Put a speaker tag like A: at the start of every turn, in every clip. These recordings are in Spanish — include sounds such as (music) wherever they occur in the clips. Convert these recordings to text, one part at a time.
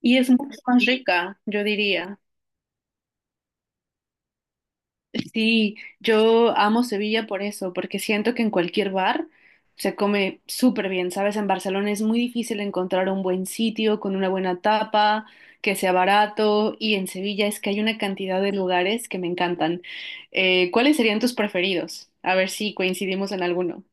A: Y es mucho más rica, yo diría. Sí, yo amo Sevilla por eso, porque siento que en cualquier bar se come súper bien, ¿sabes? En Barcelona es muy difícil encontrar un buen sitio con una buena tapa, que sea barato, y en Sevilla es que hay una cantidad de lugares que me encantan. ¿cuáles serían tus preferidos? A ver si coincidimos en alguno.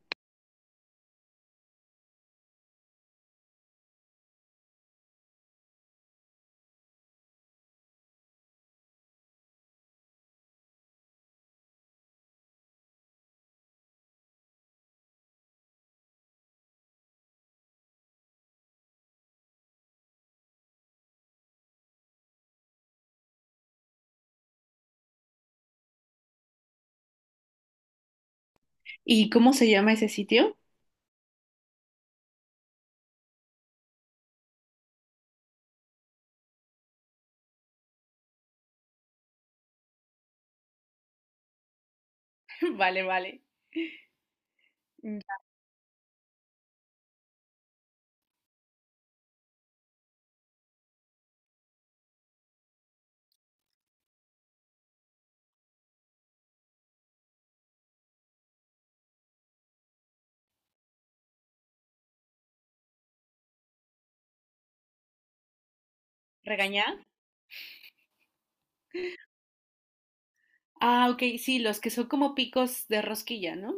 A: ¿Y cómo se llama ese sitio? (laughs) Vale, vale. Ya. ¿Regañá? Ah, ok, sí, los que son como picos de rosquilla, ¿no?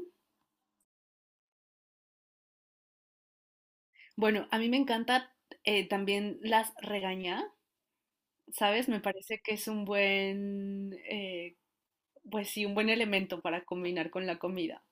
A: Bueno, a mí me encanta también las regañá, ¿sabes? Me parece que es un buen, pues sí, un buen elemento para combinar con la comida.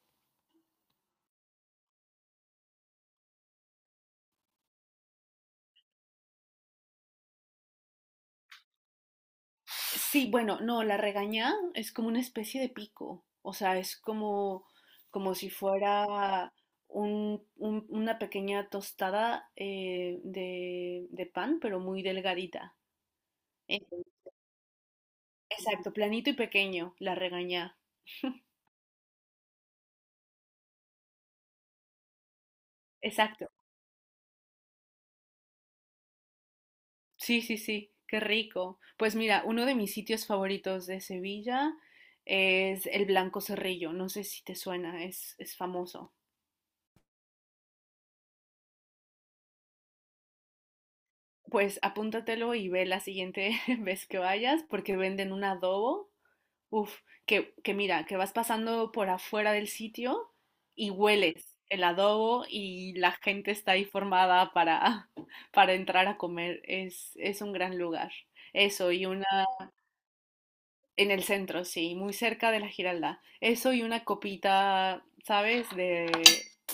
A: Sí, bueno, no, la regañá es como una especie de pico, o sea, es como, como si fuera una pequeña tostada de pan, pero muy delgadita. Eh, Exacto, planito y pequeño, la regañá. Exacto. Sí, sí, sí, qué rico. Pues mira, uno de mis sitios favoritos de Sevilla es el Blanco Cerrillo. No sé si te suena, es famoso. Pues apúntatelo y ve la siguiente (laughs) vez que vayas porque venden un adobo. Uf, que mira, que vas pasando por afuera del sitio y hueles el adobo y la gente está ahí formada para, (laughs) para entrar a comer. Es un gran lugar. Eso, y en el centro, sí, muy cerca de la Giralda. Eso y una copita, ¿sabes?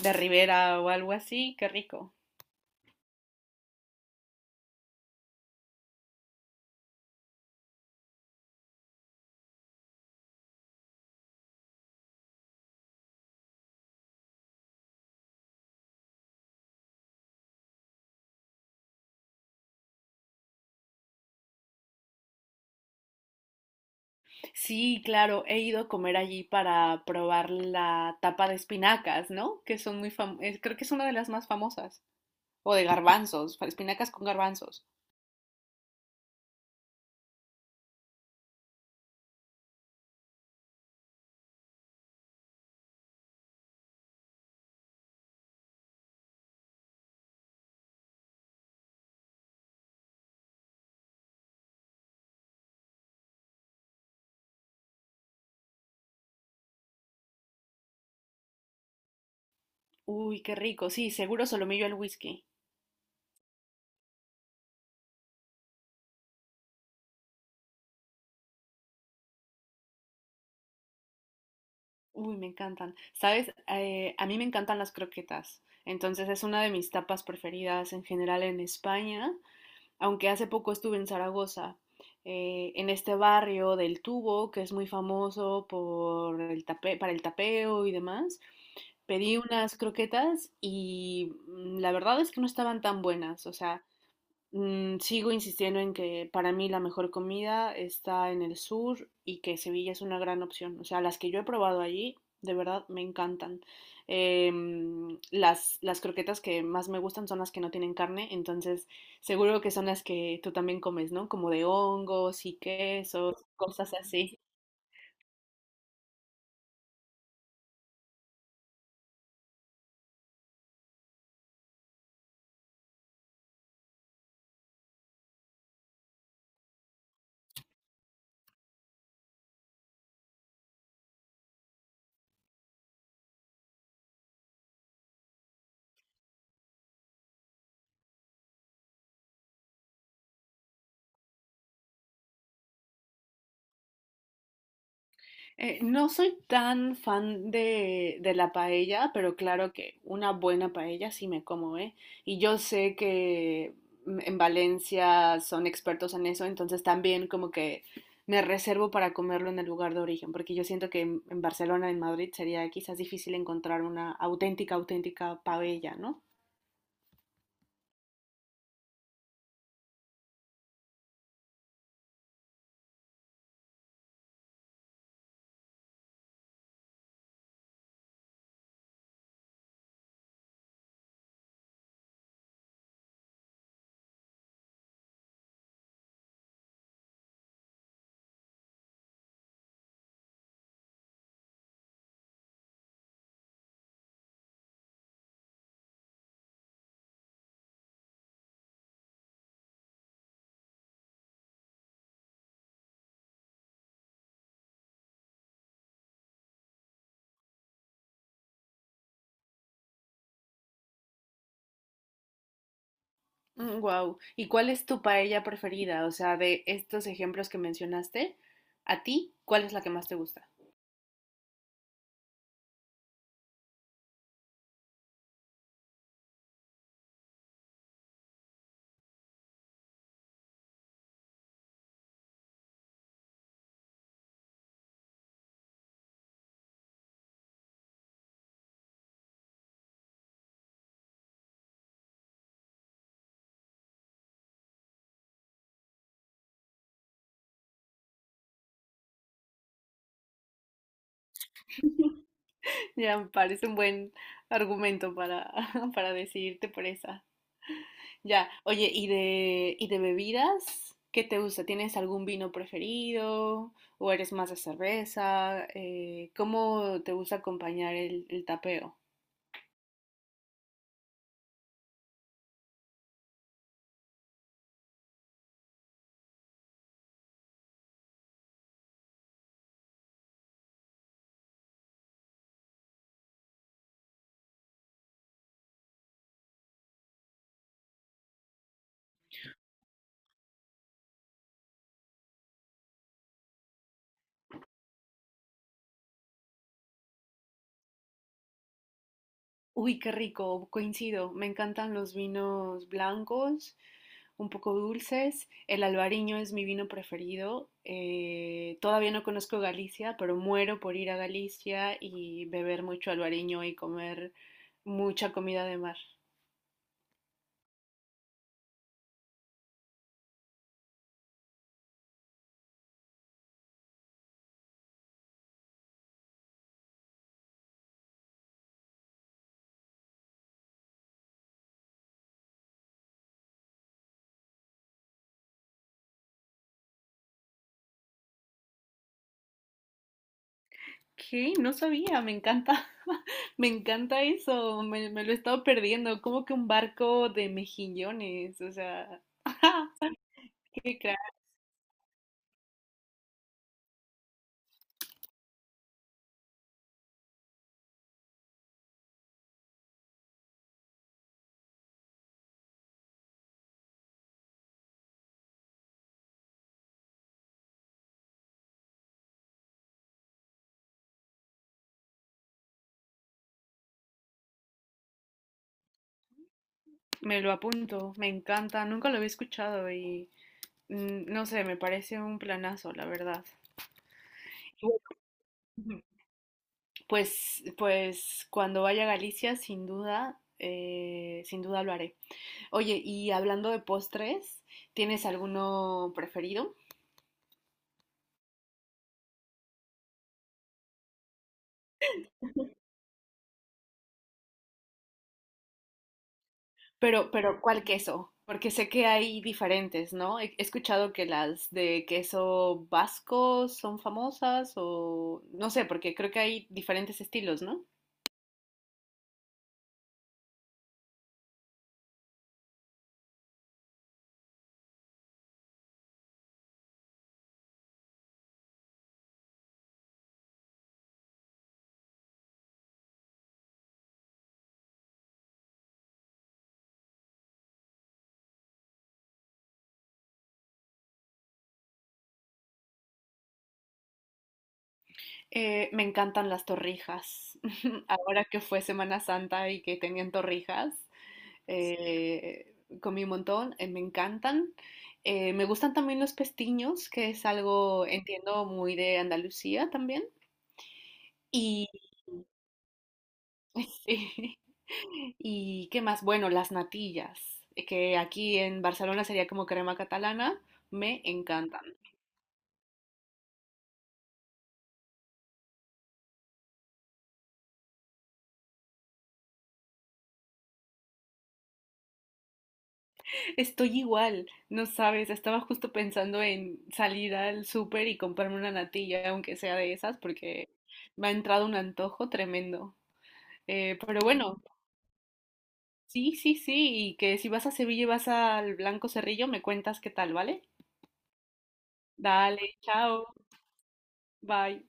A: De Ribera o algo así, qué rico. Sí, claro, he ido a comer allí para probar la tapa de espinacas, ¿no? Que son muy famosas, creo que es una de las más famosas. O de garbanzos, espinacas con garbanzos. Uy, qué rico, sí, seguro solomillo al whisky. Uy, me encantan. ¿Sabes? A mí me encantan las croquetas. Entonces es una de mis tapas preferidas en general en España, aunque hace poco estuve en Zaragoza, en este barrio del Tubo, que es muy famoso por el para el tapeo y demás, pedí unas croquetas y la verdad es que no estaban tan buenas, o sea, sigo insistiendo en que para mí la mejor comida está en el sur y que Sevilla es una gran opción. O sea, las que yo he probado allí, de verdad, me encantan. Las croquetas que más me gustan son las que no tienen carne, entonces seguro que son las que tú también comes, ¿no? Como de hongos y quesos, cosas así. No soy tan fan de la paella, pero claro que una buena paella sí me como, ¿eh? Y yo sé que en Valencia son expertos en eso, entonces también como que me reservo para comerlo en el lugar de origen, porque yo siento que en Barcelona, en Madrid, sería quizás difícil encontrar una auténtica paella, ¿no? Wow. ¿Y cuál es tu paella preferida? O sea, de estos ejemplos que mencionaste, ¿a ti cuál es la que más te gusta? (laughs) Ya me parece un buen argumento para, (laughs) para decidirte por esa. Ya, oye, ¿y y de bebidas? ¿Qué te gusta? ¿Tienes algún vino preferido? ¿O eres más de cerveza? ¿cómo te gusta acompañar el tapeo? Uy, qué rico, coincido. Me encantan los vinos blancos, un poco dulces. El albariño es mi vino preferido. Todavía no conozco Galicia, pero muero por ir a Galicia y beber mucho albariño y comer mucha comida de mar. ¿Qué? No sabía, me encanta, (laughs) me encanta eso, me lo he estado perdiendo, como que un barco de mejillones, o sea, (laughs) qué crack. Me lo apunto, me encanta, nunca lo había escuchado y no sé, me parece un planazo, la verdad. Pues, pues cuando vaya a Galicia, sin duda, sin duda lo haré. Oye, y hablando de postres, ¿tienes alguno preferido? Pero, ¿cuál queso? Porque sé que hay diferentes, ¿no? He escuchado que las de queso vasco son famosas o no sé, porque creo que hay diferentes estilos, ¿no? Me encantan las torrijas. (laughs) Ahora que fue Semana Santa y que tenían torrijas, eh, comí un montón, me encantan. Me gustan también los pestiños, que es algo, entiendo, muy de Andalucía también. Y, (laughs) sí. ¿Y qué más? Bueno, las natillas, que aquí en Barcelona sería como crema catalana, me encantan. Estoy igual, no sabes, estaba justo pensando en salir al súper y comprarme una natilla, aunque sea de esas, porque me ha entrado un antojo tremendo. Pero bueno, sí, sí, sí, y que si vas a Sevilla y vas al Blanco Cerrillo, me cuentas qué tal, ¿vale? Dale, chao, bye.